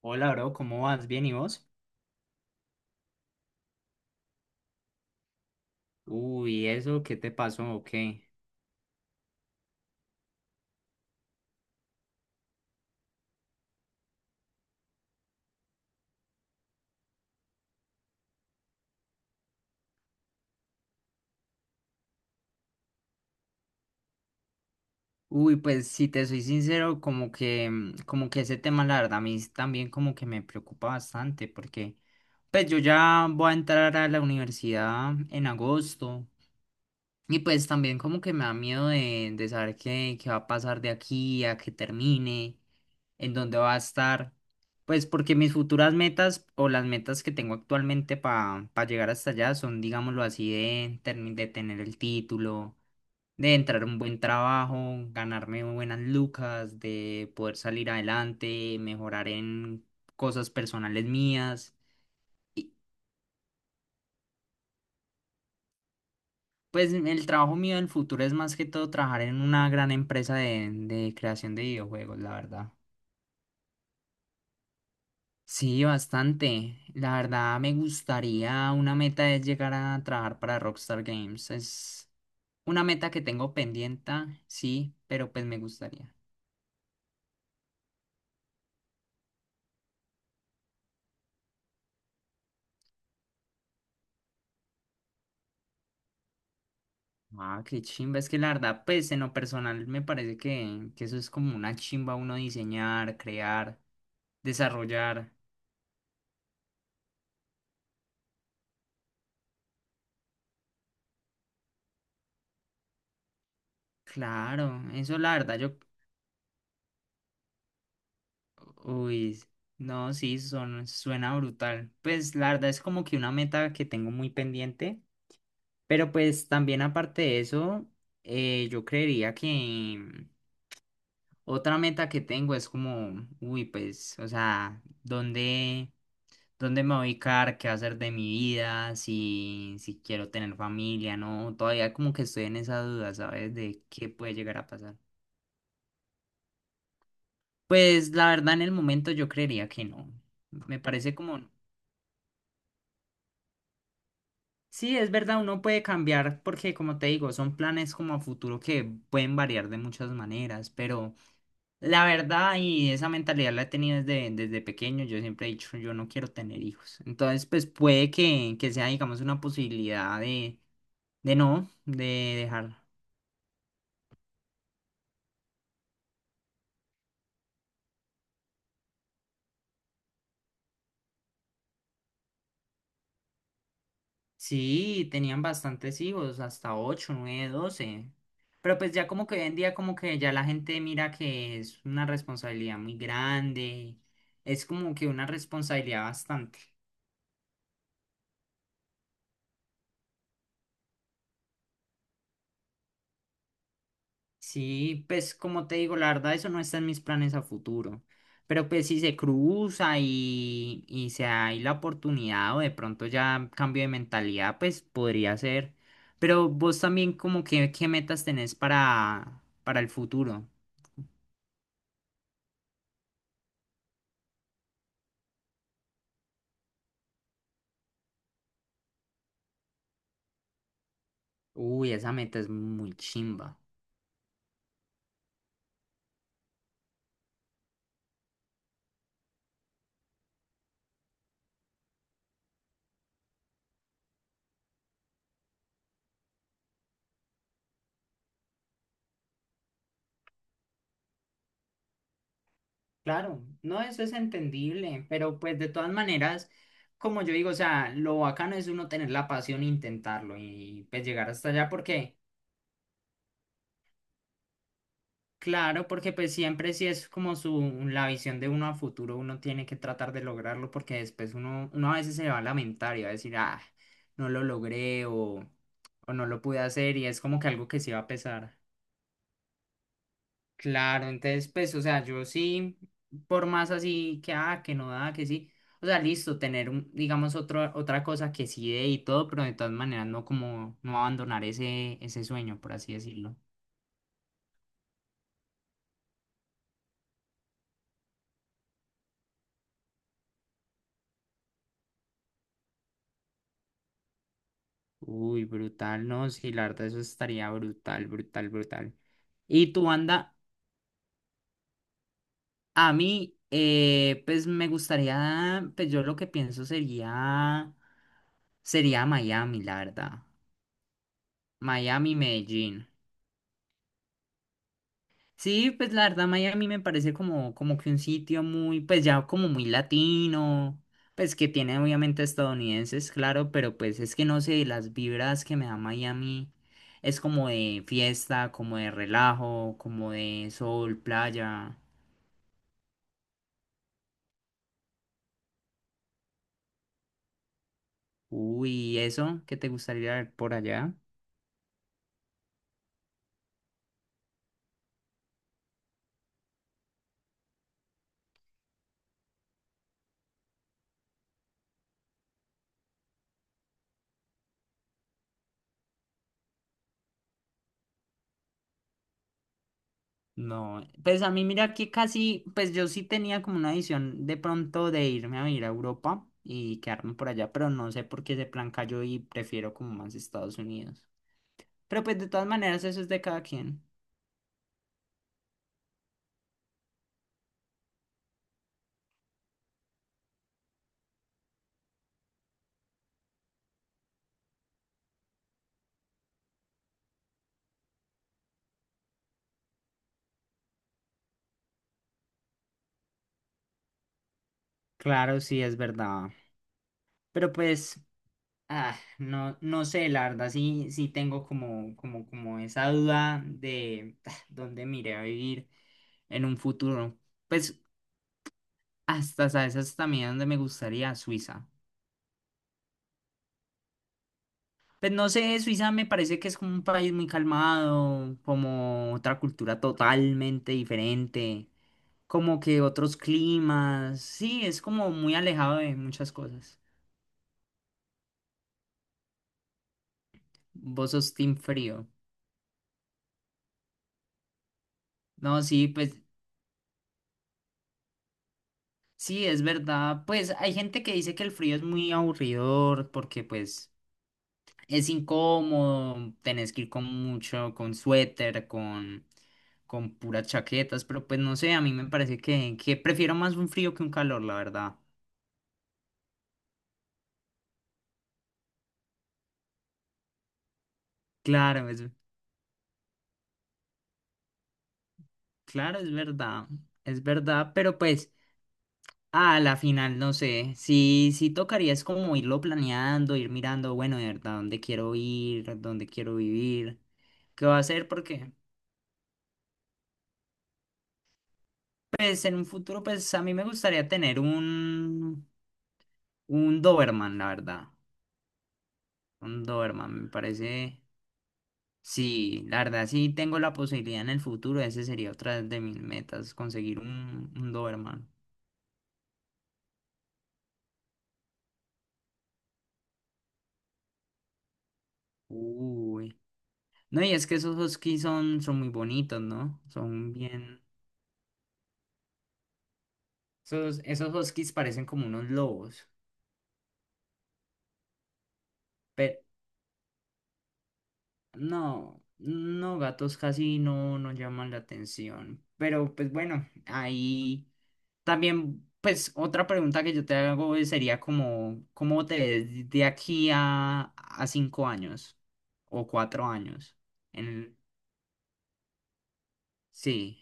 Hola, bro, ¿cómo vas? ¿Bien y vos? Uy, ¿eso qué te pasó o qué? Uy, pues si te soy sincero, como que, como que ese tema, la verdad, a mí también como que me preocupa bastante porque, pues yo ya voy a entrar a la universidad en agosto y pues también como que me da miedo de saber qué va a pasar de aquí a que termine, en donde va a estar, pues porque mis futuras metas o las metas que tengo actualmente para llegar hasta allá son, digámoslo así, de, de tener el título, de entrar a un buen trabajo, ganarme buenas lucas, de poder salir adelante, mejorar en cosas personales mías. Y pues el trabajo mío del futuro es más que todo trabajar en una gran empresa de creación de videojuegos, la verdad. Sí, bastante. La verdad me gustaría, una meta es llegar a trabajar para Rockstar Games. Es una meta que tengo pendiente, sí, pero pues me gustaría. Ah, qué chimba. Es que la verdad, pues en lo personal me parece que eso es como una chimba uno diseñar, crear, desarrollar. Claro, eso la verdad yo... Uy, no, sí, son, suena brutal. Pues la verdad es como que una meta que tengo muy pendiente. Pero pues también aparte de eso, yo creería que otra meta que tengo es como, uy, pues, o sea, ¿dónde me voy a ubicar? ¿Qué va a hacer de mi vida? Si quiero tener familia, ¿no? Todavía como que estoy en esa duda, ¿sabes? De qué puede llegar a pasar. Pues la verdad en el momento yo creería que no. Me parece como... Sí, es verdad, uno puede cambiar porque, como te digo, son planes como a futuro que pueden variar de muchas maneras, pero... La verdad, y esa mentalidad la he tenido desde pequeño, yo siempre he dicho, yo no quiero tener hijos. Entonces, pues puede que sea, digamos, una posibilidad de no, de dejar. Sí, tenían bastantes hijos, hasta 8 9 12. Pero pues ya como que hoy en día como que ya la gente mira que es una responsabilidad muy grande, es como que una responsabilidad bastante. Sí, pues como te digo, la verdad eso no está en mis planes a futuro. Pero pues si se cruza y se hay la oportunidad o de pronto ya cambio de mentalidad, pues podría ser. Pero vos también como que qué metas tenés para el futuro. Uy, esa meta es muy chimba. Claro, no, eso es entendible, pero pues de todas maneras, como yo digo, o sea, lo bacano es uno tener la pasión e intentarlo y pues llegar hasta allá porque... Claro, porque pues siempre si es como su, la visión de uno a futuro, uno tiene que tratar de lograrlo porque después uno a veces se va a lamentar y va a decir, ah, no lo logré o no lo pude hacer y es como que algo que sí va a pesar. Claro, entonces pues, o sea, yo sí, por más así que, ah, que no da, que sí, o sea, listo, tener, un, digamos, otro, otra cosa que sí dé y todo, pero de todas maneras no como, no abandonar ese sueño, por así decirlo. Uy, brutal, no, sí, la verdad, eso estaría brutal, brutal, brutal. Y tu banda, a mí, pues me gustaría, pues yo lo que pienso sería, sería Miami, la verdad. Miami, Medellín. Sí, pues la verdad Miami me parece como, como que un sitio muy, pues ya como muy latino, pues que tiene obviamente estadounidenses, claro, pero pues es que no sé, las vibras que me da Miami es como de fiesta, como de relajo, como de sol, playa. Uy, ¿y eso? ¿Qué te gustaría ver por allá? No, pues a mí mira que casi, pues yo sí tenía como una visión de pronto de irme a vivir a Europa y quedarme por allá, pero no sé por qué ese plan cayó y prefiero como más Estados Unidos. Pero pues de todas maneras eso es de cada quien. Claro, sí, es verdad. Pero pues, ah, no, no sé, la verdad sí, sí tengo como, como, como esa duda de ah, dónde me iré a vivir en un futuro. Pues hasta, ¿sabes? Hasta también donde me gustaría Suiza. Pues no sé, Suiza me parece que es como un país muy calmado, como otra cultura totalmente diferente, como que otros climas, sí, es como muy alejado de muchas cosas. Vos sos team frío. No, sí, pues sí, es verdad. Pues hay gente que dice que el frío es muy aburridor porque pues es incómodo, tenés que ir con mucho, con suéter, con puras chaquetas, pero pues no sé, a mí me parece que prefiero más un frío que un calor, la verdad. Claro, es, claro, es verdad, pero pues a la final no sé, sí, sí tocaría es como irlo planeando, ir mirando, bueno, de verdad, dónde quiero ir, dónde quiero vivir, qué va a hacer, porque pues en un futuro pues a mí me gustaría tener un Doberman, la verdad, un Doberman, me parece, sí, la verdad, sí tengo la posibilidad en el futuro, ese sería otra de mis metas, conseguir un Doberman. Uy. No, y es que esos huskies son muy bonitos, ¿no? Son bien. Esos, esos huskies parecen como unos lobos. Pero no, no, gatos casi no, no llaman la atención. Pero pues bueno, ahí también, pues otra pregunta que yo te hago es- sería como, ¿cómo te ves de aquí a 5 años o 4 años? En, sí,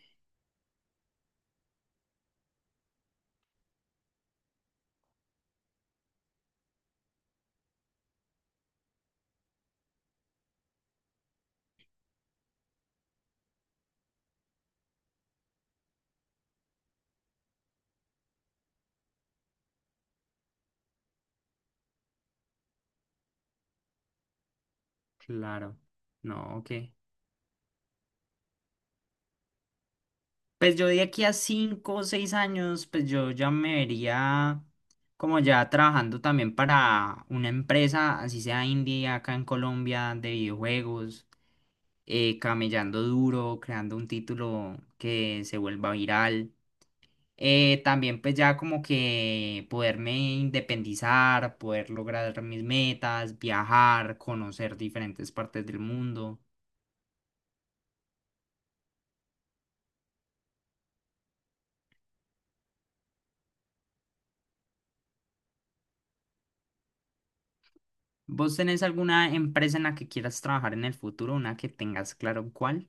claro. No, ok. Pues yo de aquí a 5 o 6 años, pues yo ya me vería como ya trabajando también para una empresa, así sea indie acá en Colombia, de videojuegos, camellando duro, creando un título que se vuelva viral. También pues ya como que poderme independizar, poder lograr mis metas, viajar, conocer diferentes partes del mundo. ¿Vos tenés alguna empresa en la que quieras trabajar en el futuro, una que tengas claro cuál?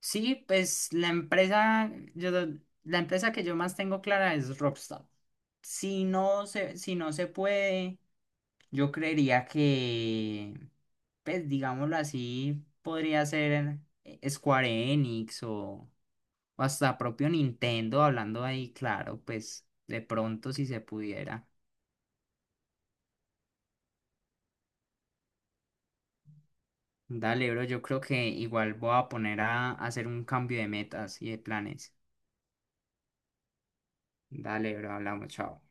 Sí, pues la empresa, yo, la empresa que yo más tengo clara es Rockstar. Si no se puede, yo creería que, pues digámoslo así, podría ser Square Enix o hasta propio Nintendo, hablando ahí, claro, pues de pronto si se pudiera. Dale, bro, yo creo que igual voy a poner a hacer un cambio de metas y de planes. Dale, bro, hablamos, chao.